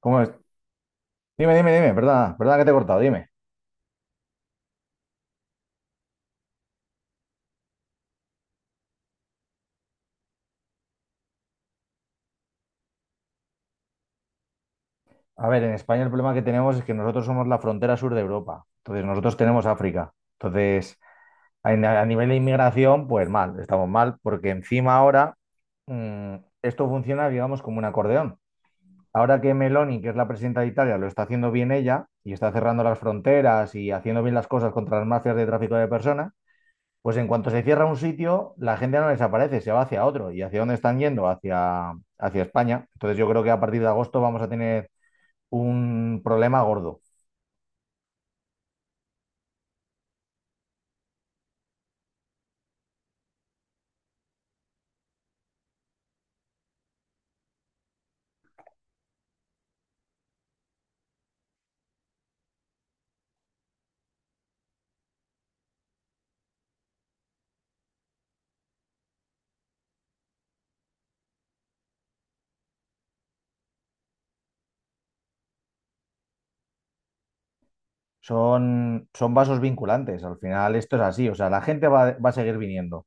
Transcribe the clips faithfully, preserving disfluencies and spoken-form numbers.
¿Cómo es? Dime, dime, dime, perdona, perdona que te he cortado, dime. A ver, en España el problema que tenemos es que nosotros somos la frontera sur de Europa, entonces nosotros tenemos África, entonces a, a nivel de inmigración, pues mal, estamos mal, porque encima ahora mm, esto funciona, digamos, como un acordeón. Ahora que Meloni, que es la presidenta de Italia, lo está haciendo bien ella y está cerrando las fronteras y haciendo bien las cosas contra las mafias de tráfico de personas. Pues en cuanto se cierra un sitio, la gente no desaparece, se va hacia otro. ¿Y hacia dónde están yendo? Hacia, hacia España. Entonces yo creo que a partir de agosto vamos a tener un problema gordo. Son, son vasos vinculantes, al final esto es así, o sea, la gente va, va a seguir viniendo.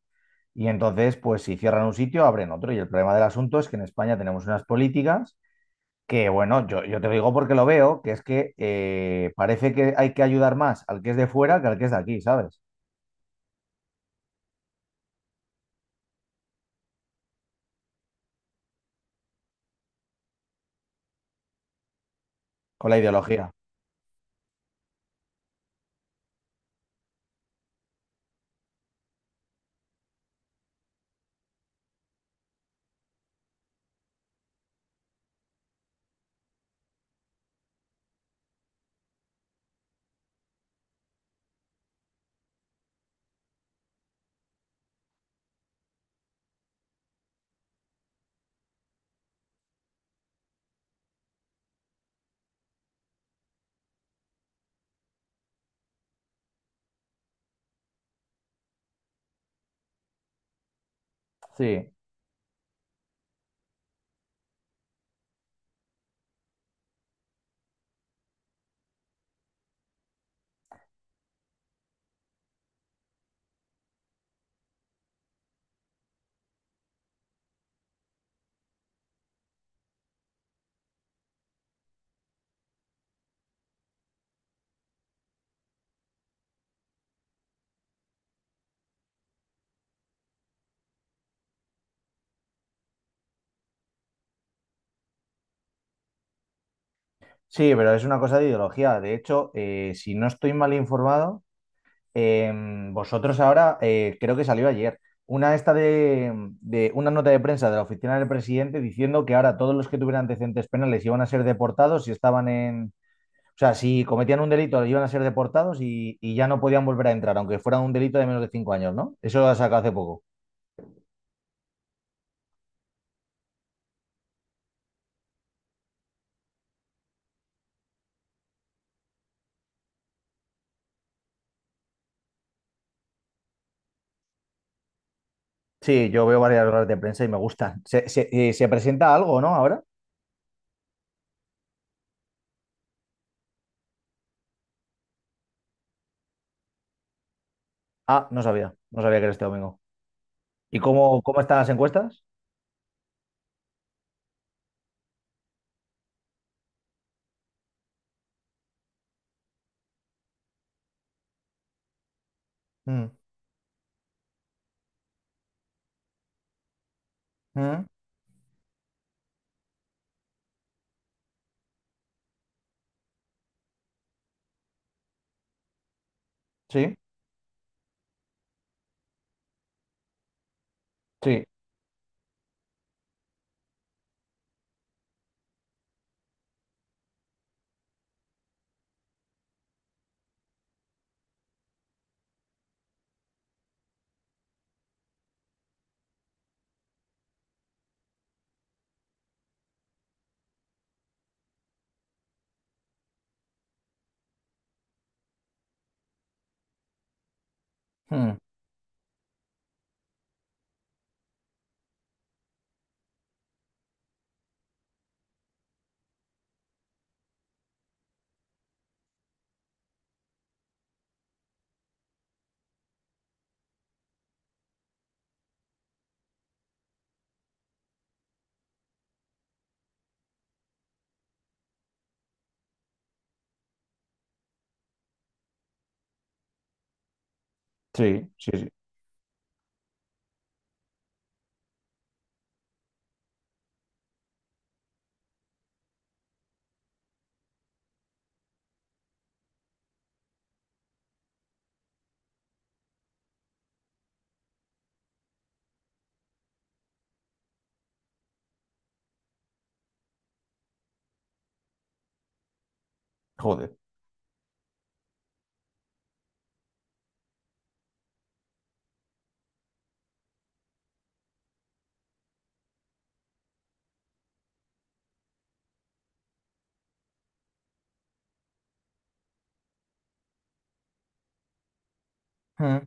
Y entonces, pues si cierran un sitio, abren otro. Y el problema del asunto es que en España tenemos unas políticas que, bueno, yo, yo te lo digo porque lo veo, que es que eh, parece que hay que ayudar más al que es de fuera que al que es de aquí, ¿sabes? Con la ideología. Sí. Sí, pero es una cosa de ideología. De hecho, eh, si no estoy mal informado, em, vosotros ahora, eh, creo que salió ayer, una, esta de, de una nota de prensa de la oficina del presidente diciendo que ahora todos los que tuvieran antecedentes penales iban a ser deportados si estaban en... O sea, si cometían un delito, iban a ser deportados y, y ya no podían volver a entrar, aunque fuera un delito de menos de cinco años, ¿no? Eso lo ha sacado hace poco. Sí, yo veo varias horas de prensa y me gustan. ¿Se, se- eh, se presenta algo, no? Ahora. Ah, no sabía. No sabía que era este domingo. ¿Y cómo, cómo están las encuestas? Mm, mm, sí, sí, mm. Sí, sí, sí. Joder. Mm.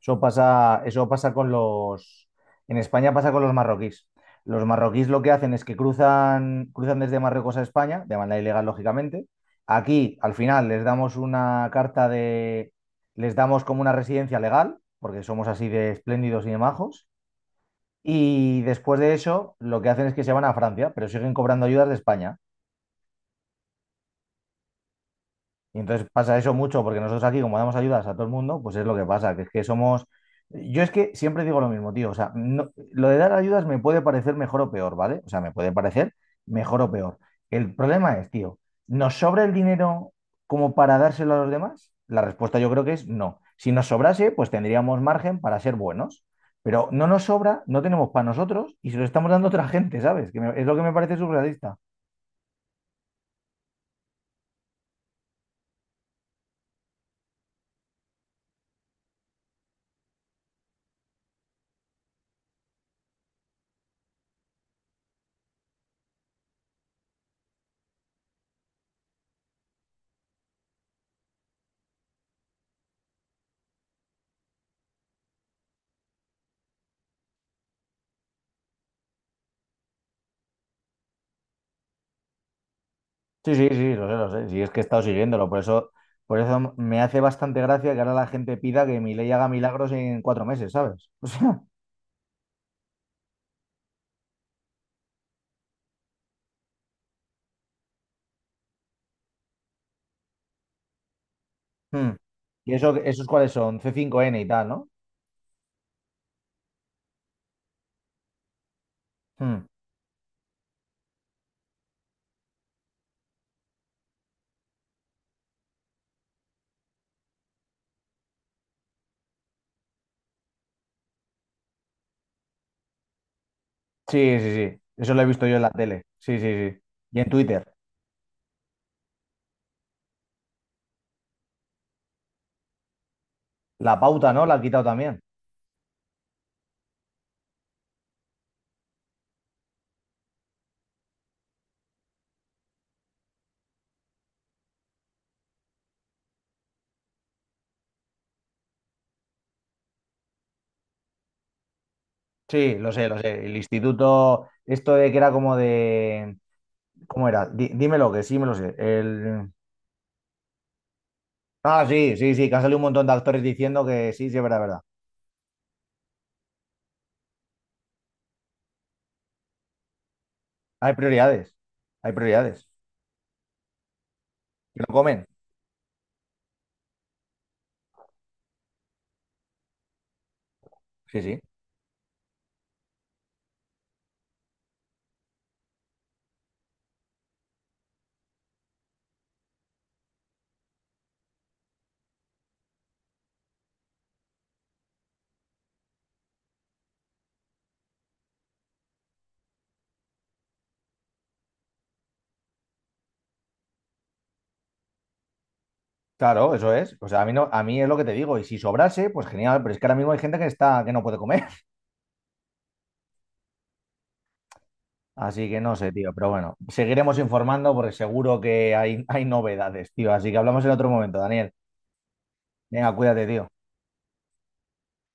Eso pasa, eso pasa con los... En España pasa con los marroquíes. Los marroquíes lo que hacen es que cruzan, cruzan desde Marruecos a España, de manera ilegal, lógicamente. Aquí, al final, les damos una carta de... Les damos como una residencia legal, porque somos así de espléndidos y de majos. Y después de eso, lo que hacen es que se van a Francia, pero siguen cobrando ayudas de España. Y entonces pasa eso mucho, porque nosotros aquí, como damos ayudas a todo el mundo, pues es lo que pasa, que es que somos. Yo es que siempre digo lo mismo, tío. O sea, no- lo de dar ayudas me puede parecer mejor o peor, ¿vale? O sea, me puede parecer mejor o peor. El problema es, tío, ¿nos sobra el dinero como para dárselo a los demás? La respuesta yo creo que es no. Si nos sobrase, pues tendríamos margen para ser buenos. Pero no nos sobra, no tenemos para nosotros y se lo estamos dando a otra gente, ¿sabes? Que me- es lo que me parece surrealista. Sí, sí, sí, lo sé, lo sé. Sí, es que he estado siguiéndolo, por eso, por eso me hace bastante gracia que ahora la gente pida que Milei haga milagros en cuatro meses, ¿sabes? O sea, mm. ¿Y eso, esos cuáles son? c cinco n y tal, ¿no? Mm. Sí, sí, sí. Eso lo he visto yo en la tele. Sí, sí, sí. Y en Twitter. La pauta, ¿no? La han quitado también. Sí, lo sé, lo sé. El instituto, esto de que era como de... ¿Cómo era? Di- dímelo, que sí me lo sé. El... Ah, sí, sí, sí, que han salido un montón de actores diciendo que sí, sí, es verdad, es verdad. Hay prioridades, hay prioridades. Que no comen. Sí, sí. Claro, eso es. O sea, a mí no, a mí es lo que te digo. Y si sobrase, pues genial. Pero es que ahora mismo hay gente que está, que no puede comer. Así que no sé, tío. Pero bueno, seguiremos informando porque seguro que hay, hay novedades, tío. Así que hablamos en otro momento, Daniel. Venga, cuídate, tío.